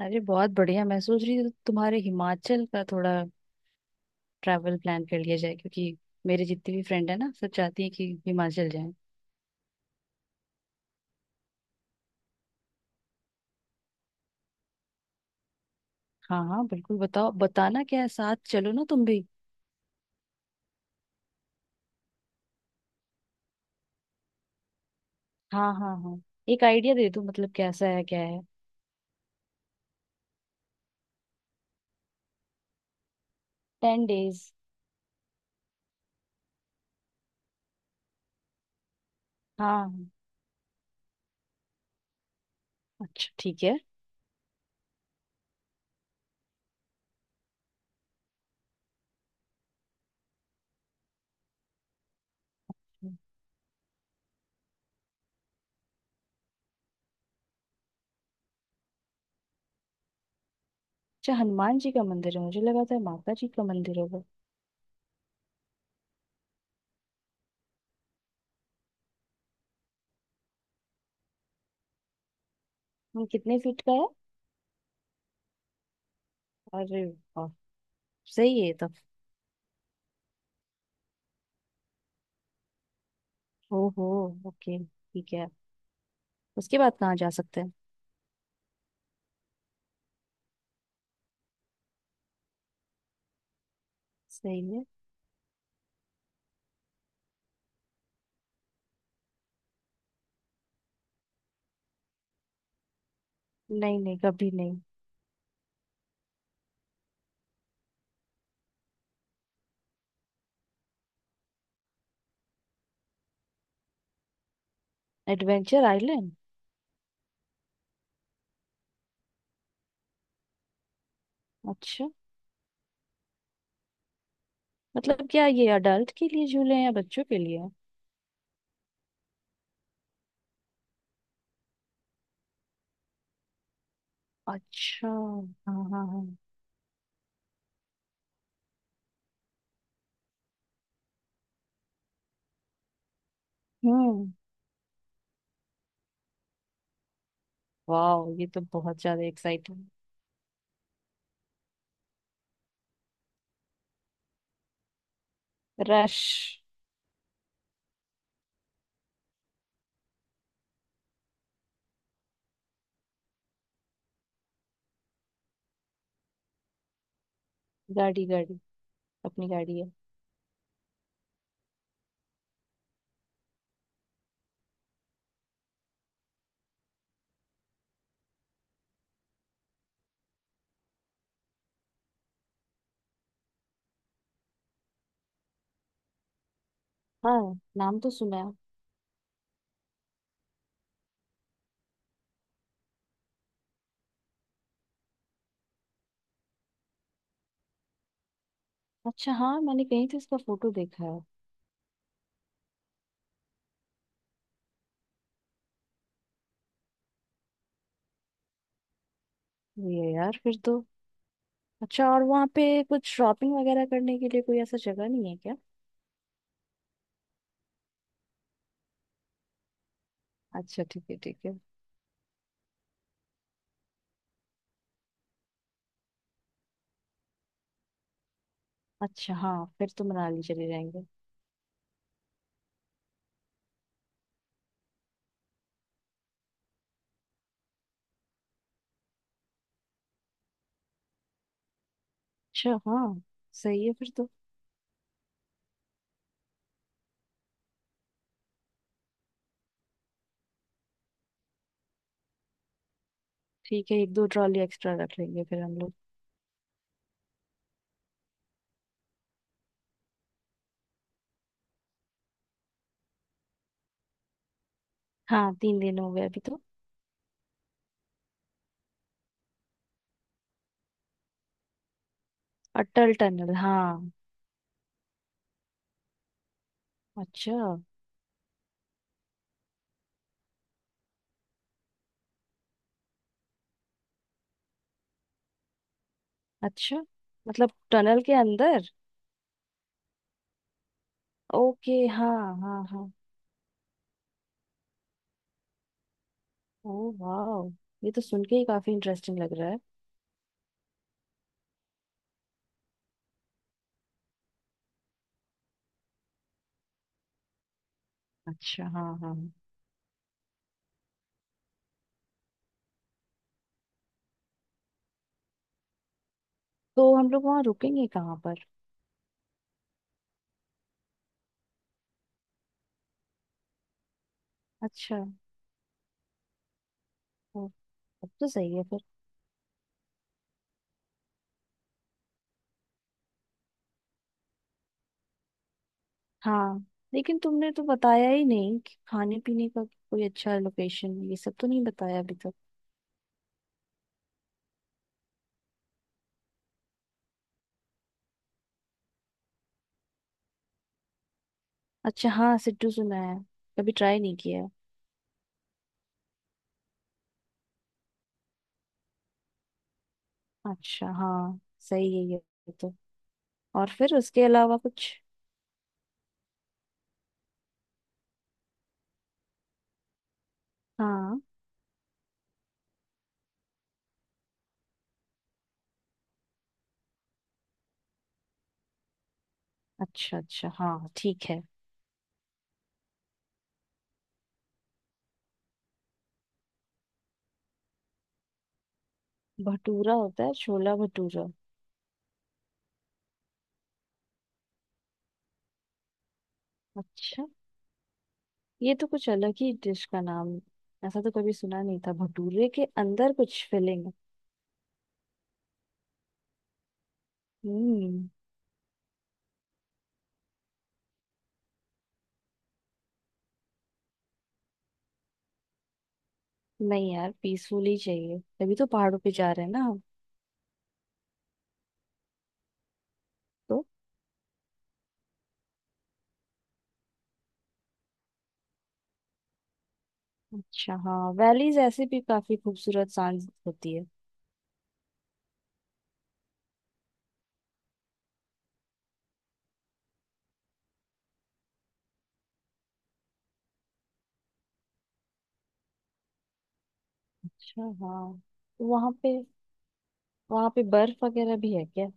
अरे बहुत बढ़िया। मैं सोच रही थी तुम्हारे हिमाचल का थोड़ा ट्रैवल प्लान कर लिया जाए, क्योंकि मेरे जितनी भी फ्रेंड है ना, सब चाहती है कि हिमाचल जाएं। हाँ हाँ, बिल्कुल बताओ। बताना क्या है, साथ चलो ना तुम भी। हाँ हाँ हाँ, एक आइडिया दे दो। मतलब कैसा है, क्या है। Ten days. हाँ हाँ, अच्छा ठीक है। अच्छा, हनुमान जी का मंदिर है। मुझे लगा था माता जी का मंदिर होगा। हम, कितने फीट का है? अरे वाह, सही है तब। ओहो, ओके ठीक है। उसके बाद कहाँ जा सकते हैं? सही है। नहीं नहीं, कभी नहीं। Adventure island? अच्छा, मतलब क्या ये अडल्ट के लिए झूले हैं या बच्चों के लिए? अच्छा हाँ हाँ हाँ। हम्म। वाह, ये तो बहुत ज्यादा एक्साइटिंग। रश। गाड़ी गाड़ी, अपनी गाड़ी है। हाँ, नाम तो सुना है। अच्छा हाँ, मैंने कहीं तो इसका फोटो देखा है। ये यार फिर तो। अच्छा, और वहाँ पे कुछ शॉपिंग वगैरह करने के लिए कोई ऐसा जगह नहीं है क्या? अच्छा ठीक है ठीक है। अच्छा हाँ, फिर तो मनाली चले जाएंगे। अच्छा हाँ, सही है फिर तो। ठीक है, एक दो ट्रॉली एक्स्ट्रा रख लेंगे फिर हम लोग। हाँ, तीन दिन हो गए अभी तो। अटल टनल, हाँ। अच्छा। अच्छा, मतलब टनल के अंदर? ओके, हाँ हाँ हाँ। ओ वाह, ये तो सुन के ही काफी इंटरेस्टिंग लग रहा है। अच्छा हाँ हाँ हाँ। तो हम लोग वहाँ रुकेंगे कहाँ पर? अच्छा। ओ, अब तो सही है फिर। हाँ, लेकिन तुमने तो बताया ही नहीं कि खाने पीने का कोई अच्छा लोकेशन, ये सब तो नहीं बताया अभी तक। अच्छा हाँ, सिड्डू सुना है, कभी ट्राई नहीं किया। अच्छा हाँ, सही है ये तो। और फिर उसके अलावा कुछ? हाँ। अच्छा अच्छा हाँ, ठीक है। भटूरा होता है, छोला भटूरा। अच्छा, ये तो कुछ अलग ही डिश का नाम। ऐसा तो कभी सुना नहीं था, भटूरे के अंदर कुछ फिलिंग। हम्म। नहीं यार, पीसफुल ही चाहिए, तभी तो पहाड़ों पे जा रहे हैं ना हम। तो। अच्छा हाँ, वैलीज ऐसे भी काफी खूबसूरत सांझ होती है। अच्छा हाँ। वहाँ पे, वहाँ पे बर्फ वगैरह भी है क्या?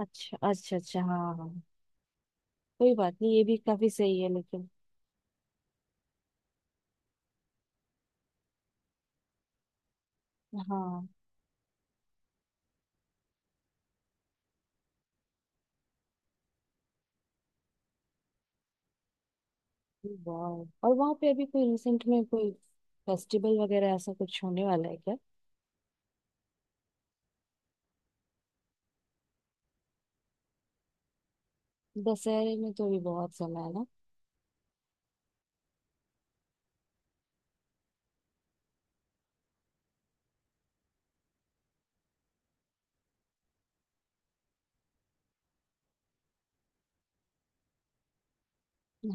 अच्छा अच्छा अच्छा हाँ हाँ। कोई बात नहीं, ये भी काफी सही है लेकिन। हाँ। वाह, और वहां पे अभी कोई रिसेंट में कोई फेस्टिवल वगैरह ऐसा कुछ होने वाला है क्या? दशहरे में तो अभी बहुत समय है ना।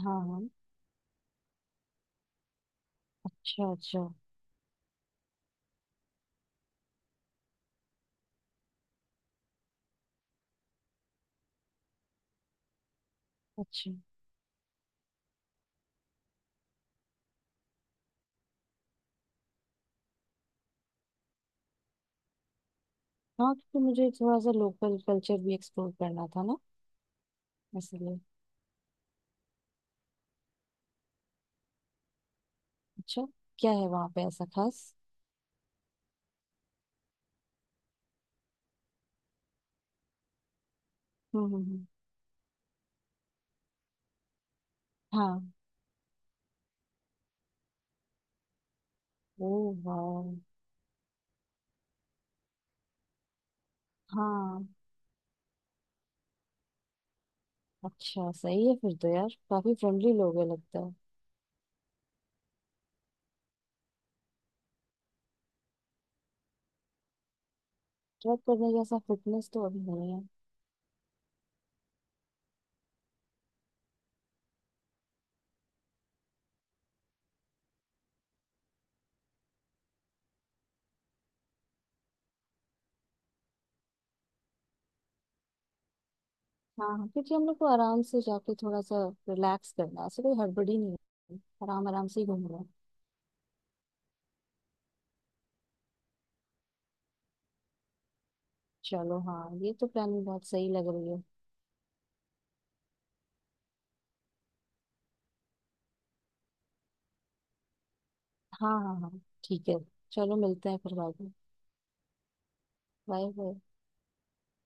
हाँ हाँ। अच्छा अच्छा। अच्छा हाँ, क्योंकि मुझे थोड़ा सा लोकल कल्चर भी एक्सप्लोर करना था ना, इसलिए। अच्छा, क्या है वहाँ पे ऐसा खास? हम्म हम्म हम्म, हाँ। ओ वाह। हाँ। अच्छा, सही है फिर तो यार, काफी फ्रेंडली लोग है लगता है। ट्रैक करने जैसा फिटनेस तो अभी नहीं है। हाँ हाँ, क्योंकि हम लोग को आराम से जाके थोड़ा सा रिलैक्स करना है। ऐसे कोई हड़बड़ी नहीं है, आराम आराम से ही घूमना है। चलो हाँ, ये तो प्लानिंग बहुत सही लग रही है। हाँ हाँ हाँ, ठीक है। चलो मिलते हैं फिर बाद में। Bye bye.